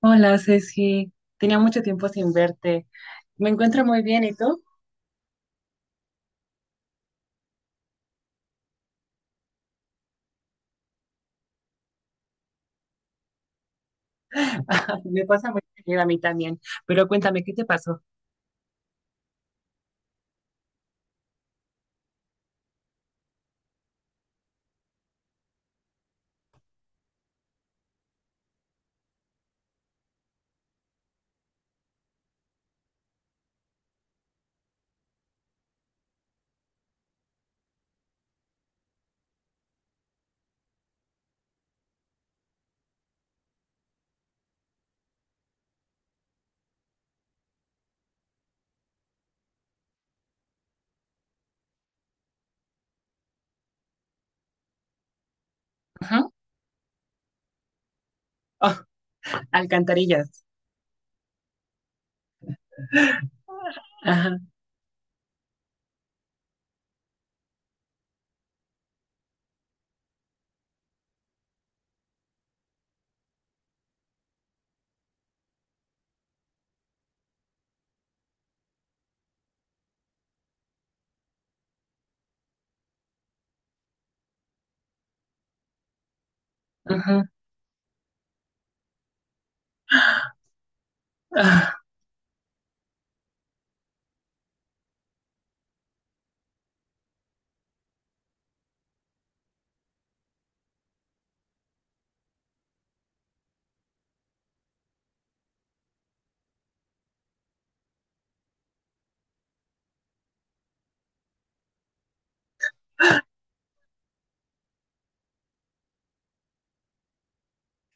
Hola, Ceci. Tenía mucho tiempo sin verte. Me encuentro muy bien, ¿y tú? Ah, me pasa muy bien a mí también. Pero cuéntame, ¿qué te pasó? Ajá. Oh, alcantarillas. Ajá, ajá. Ah,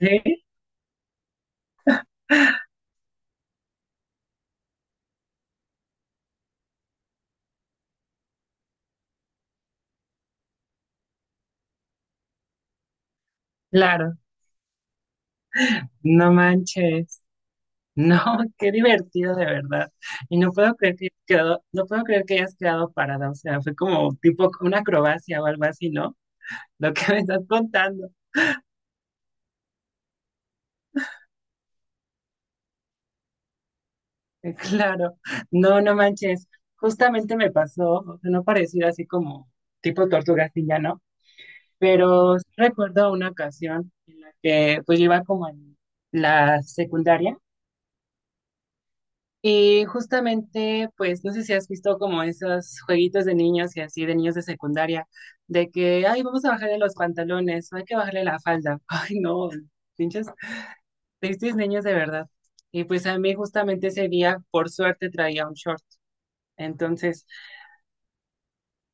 ¿sí? Claro. No manches. No, qué divertido de verdad. Y no puedo creer que hayas quedado, no puedo creer que hayas quedado parada. O sea, fue como tipo una acrobacia o algo así, ¿no? Lo que me estás contando. Claro, no, no manches. Justamente me pasó, o sea, no pareciera así como tipo tortuga así ya, ¿no? Pero sí recuerdo una ocasión en la que pues yo iba como en la secundaria y justamente pues no sé si has visto como esos jueguitos de niños y así de niños de secundaria de que, ay, vamos a bajarle los pantalones, hay que bajarle la falda. Ay, no, pinches, tristes niños de verdad. Y pues a mí justamente ese día, por suerte, traía un short. Entonces...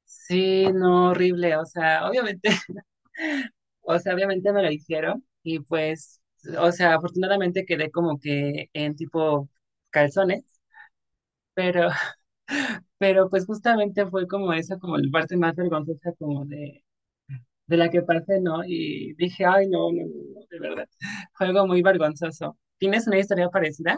Sí, no, horrible, o sea, obviamente, o sea, obviamente me lo dijeron y pues, o sea, afortunadamente quedé como que en tipo calzones, pero, pero pues justamente fue como esa, como la parte más vergonzosa como de la que pasé, ¿no? Y dije, ay, no, no, no, no, de verdad, fue algo muy vergonzoso. ¿Tienes una historia parecida?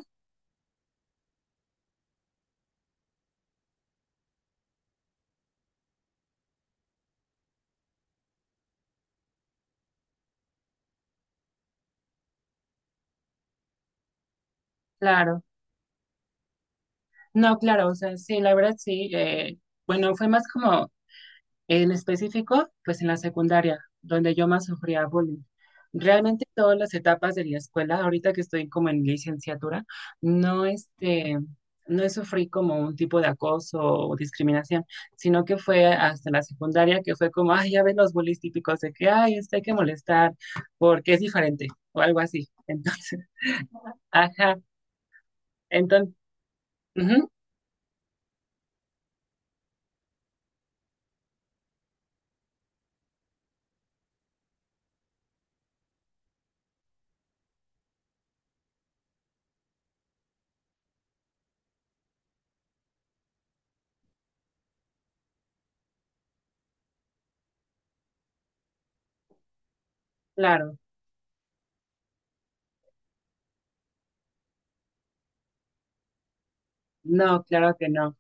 Claro, no, claro, o sea, sí, la verdad sí, bueno, fue más como en específico, pues en la secundaria, donde yo más sufría bullying. Realmente todas las etapas de la escuela, ahorita que estoy como en licenciatura, no este, no sufrí como un tipo de acoso o discriminación, sino que fue hasta la secundaria que fue como, ay, ya ven los bullies típicos de que, ay, este hay que molestar porque es diferente o algo así. Entonces, ajá, entonces, ujú, claro, no, claro que no,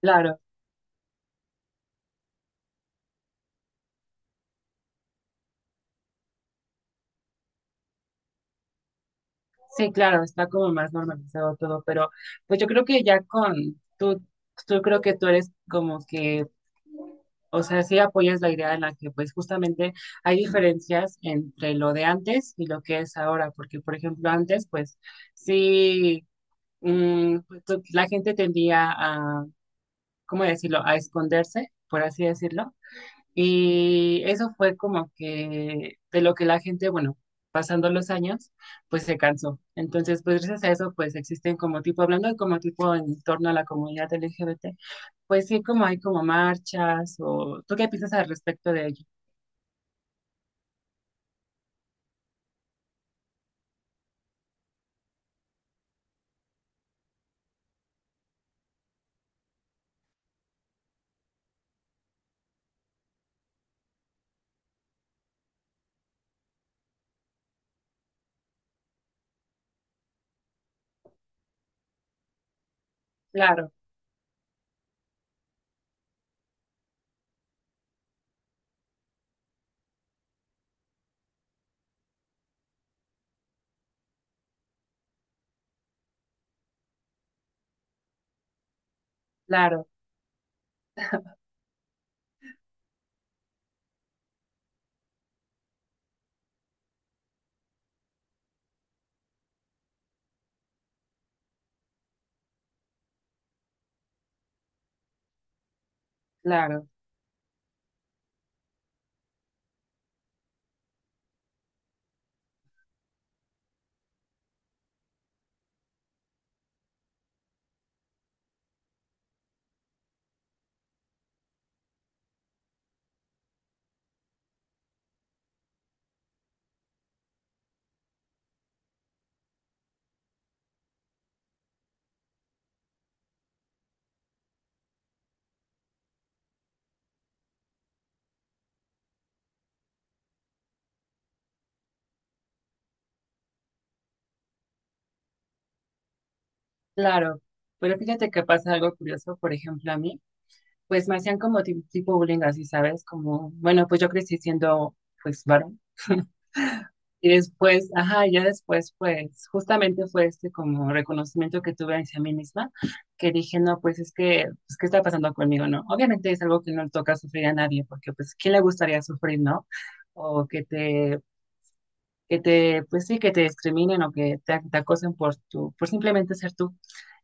claro. Sí, claro, está como más normalizado todo, pero pues yo creo que ya con tú, creo que tú eres como que, o sea, sí apoyas la idea en la que pues justamente hay diferencias entre lo de antes y lo que es ahora, porque por ejemplo antes pues sí, pues, tú- la gente tendía a, ¿cómo decirlo?, a esconderse, por así decirlo. Y eso fue como que de lo que la gente, bueno, pasando los años, pues se cansó. Entonces, pues gracias a eso, pues existen como tipo, hablando de como tipo en torno a la comunidad LGBT, pues sí, como hay como marchas o... ¿Tú qué piensas al respecto de ello? Claro, claro, claro, claro. Pero fíjate que pasa algo curioso, por ejemplo, a mí, pues me hacían como ti- tipo bullying así, ¿sabes? Como, bueno, pues yo crecí siendo, pues, varón. Y después, ajá, ya después, pues, justamente fue este como reconocimiento que tuve hacia mí misma, que dije, no, pues es que, pues, ¿qué está pasando conmigo, no? Obviamente es algo que no le toca sufrir a nadie, porque, pues, ¿quién le gustaría sufrir, no? O que te, pues sí, que te discriminen o que te acosen por tu, por simplemente ser tú.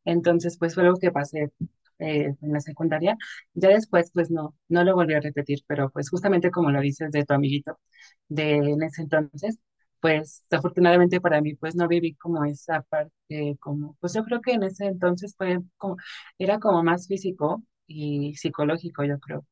Entonces, pues fue algo que pasé en la secundaria. Ya después, pues no, no lo volví a repetir, pero pues justamente como lo dices de tu amiguito de en ese entonces, pues afortunadamente para mí, pues no viví como esa parte, como, pues yo creo que en ese entonces fue como, era como más físico y psicológico, yo creo.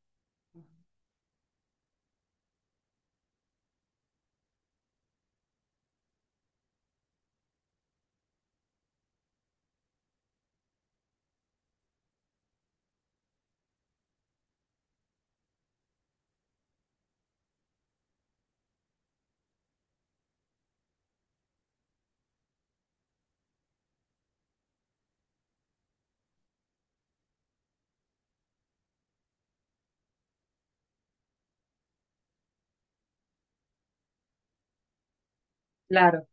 Claro.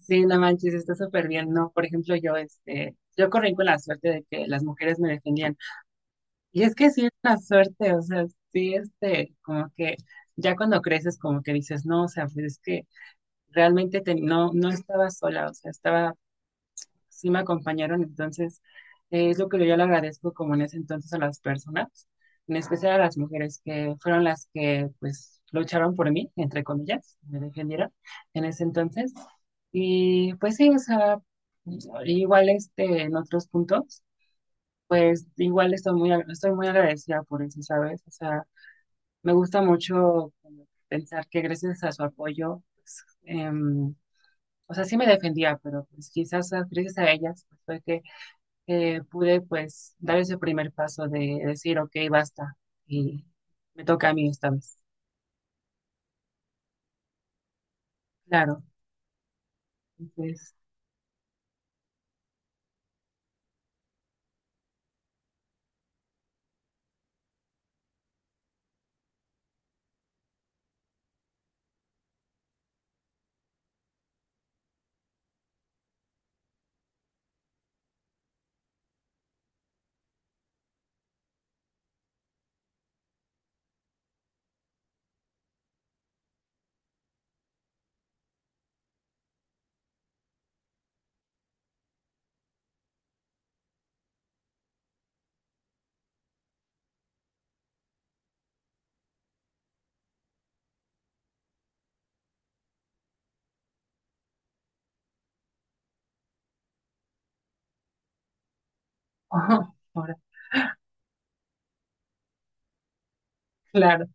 Sí, no manches, está súper bien, ¿no? Por ejemplo, yo, este, yo corrí con la suerte de que las mujeres me defendían. Y es que sí es una suerte, o sea, sí, este, como que ya cuando creces, como que dices, no, o sea, pues es que realmente te- no, no estaba sola, o sea, estaba sí me acompañaron, entonces es lo que yo le agradezco como en ese entonces a las personas, en especial a las mujeres que fueron las que pues lucharon por mí, entre comillas, me defendieron en ese entonces. Y pues sí, o sea, igual este, en otros puntos, pues igual estoy muy, ag- estoy muy agradecida por eso, ¿sabes? O sea, me gusta mucho como pensar que gracias a su apoyo, pues, em, o sea, sí me defendía, pero pues quizás ah, gracias a ellas pues, fue que pude pues dar ese primer paso de decir, ok, basta, y me toca a mí esta vez. Claro, entonces, ojo, ahora, claro,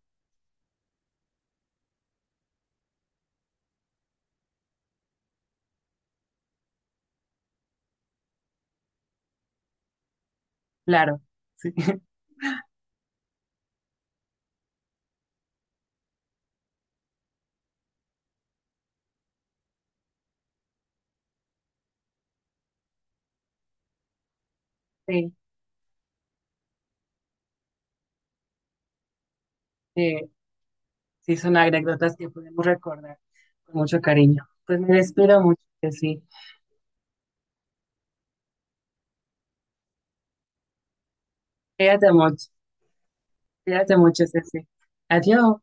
claro, sí, sí, eh, sí, son anécdotas que podemos recordar con mucho cariño. Pues me despido mucho, sí. Cuídate mucho, cuídate mucho, Ceci. Adiós.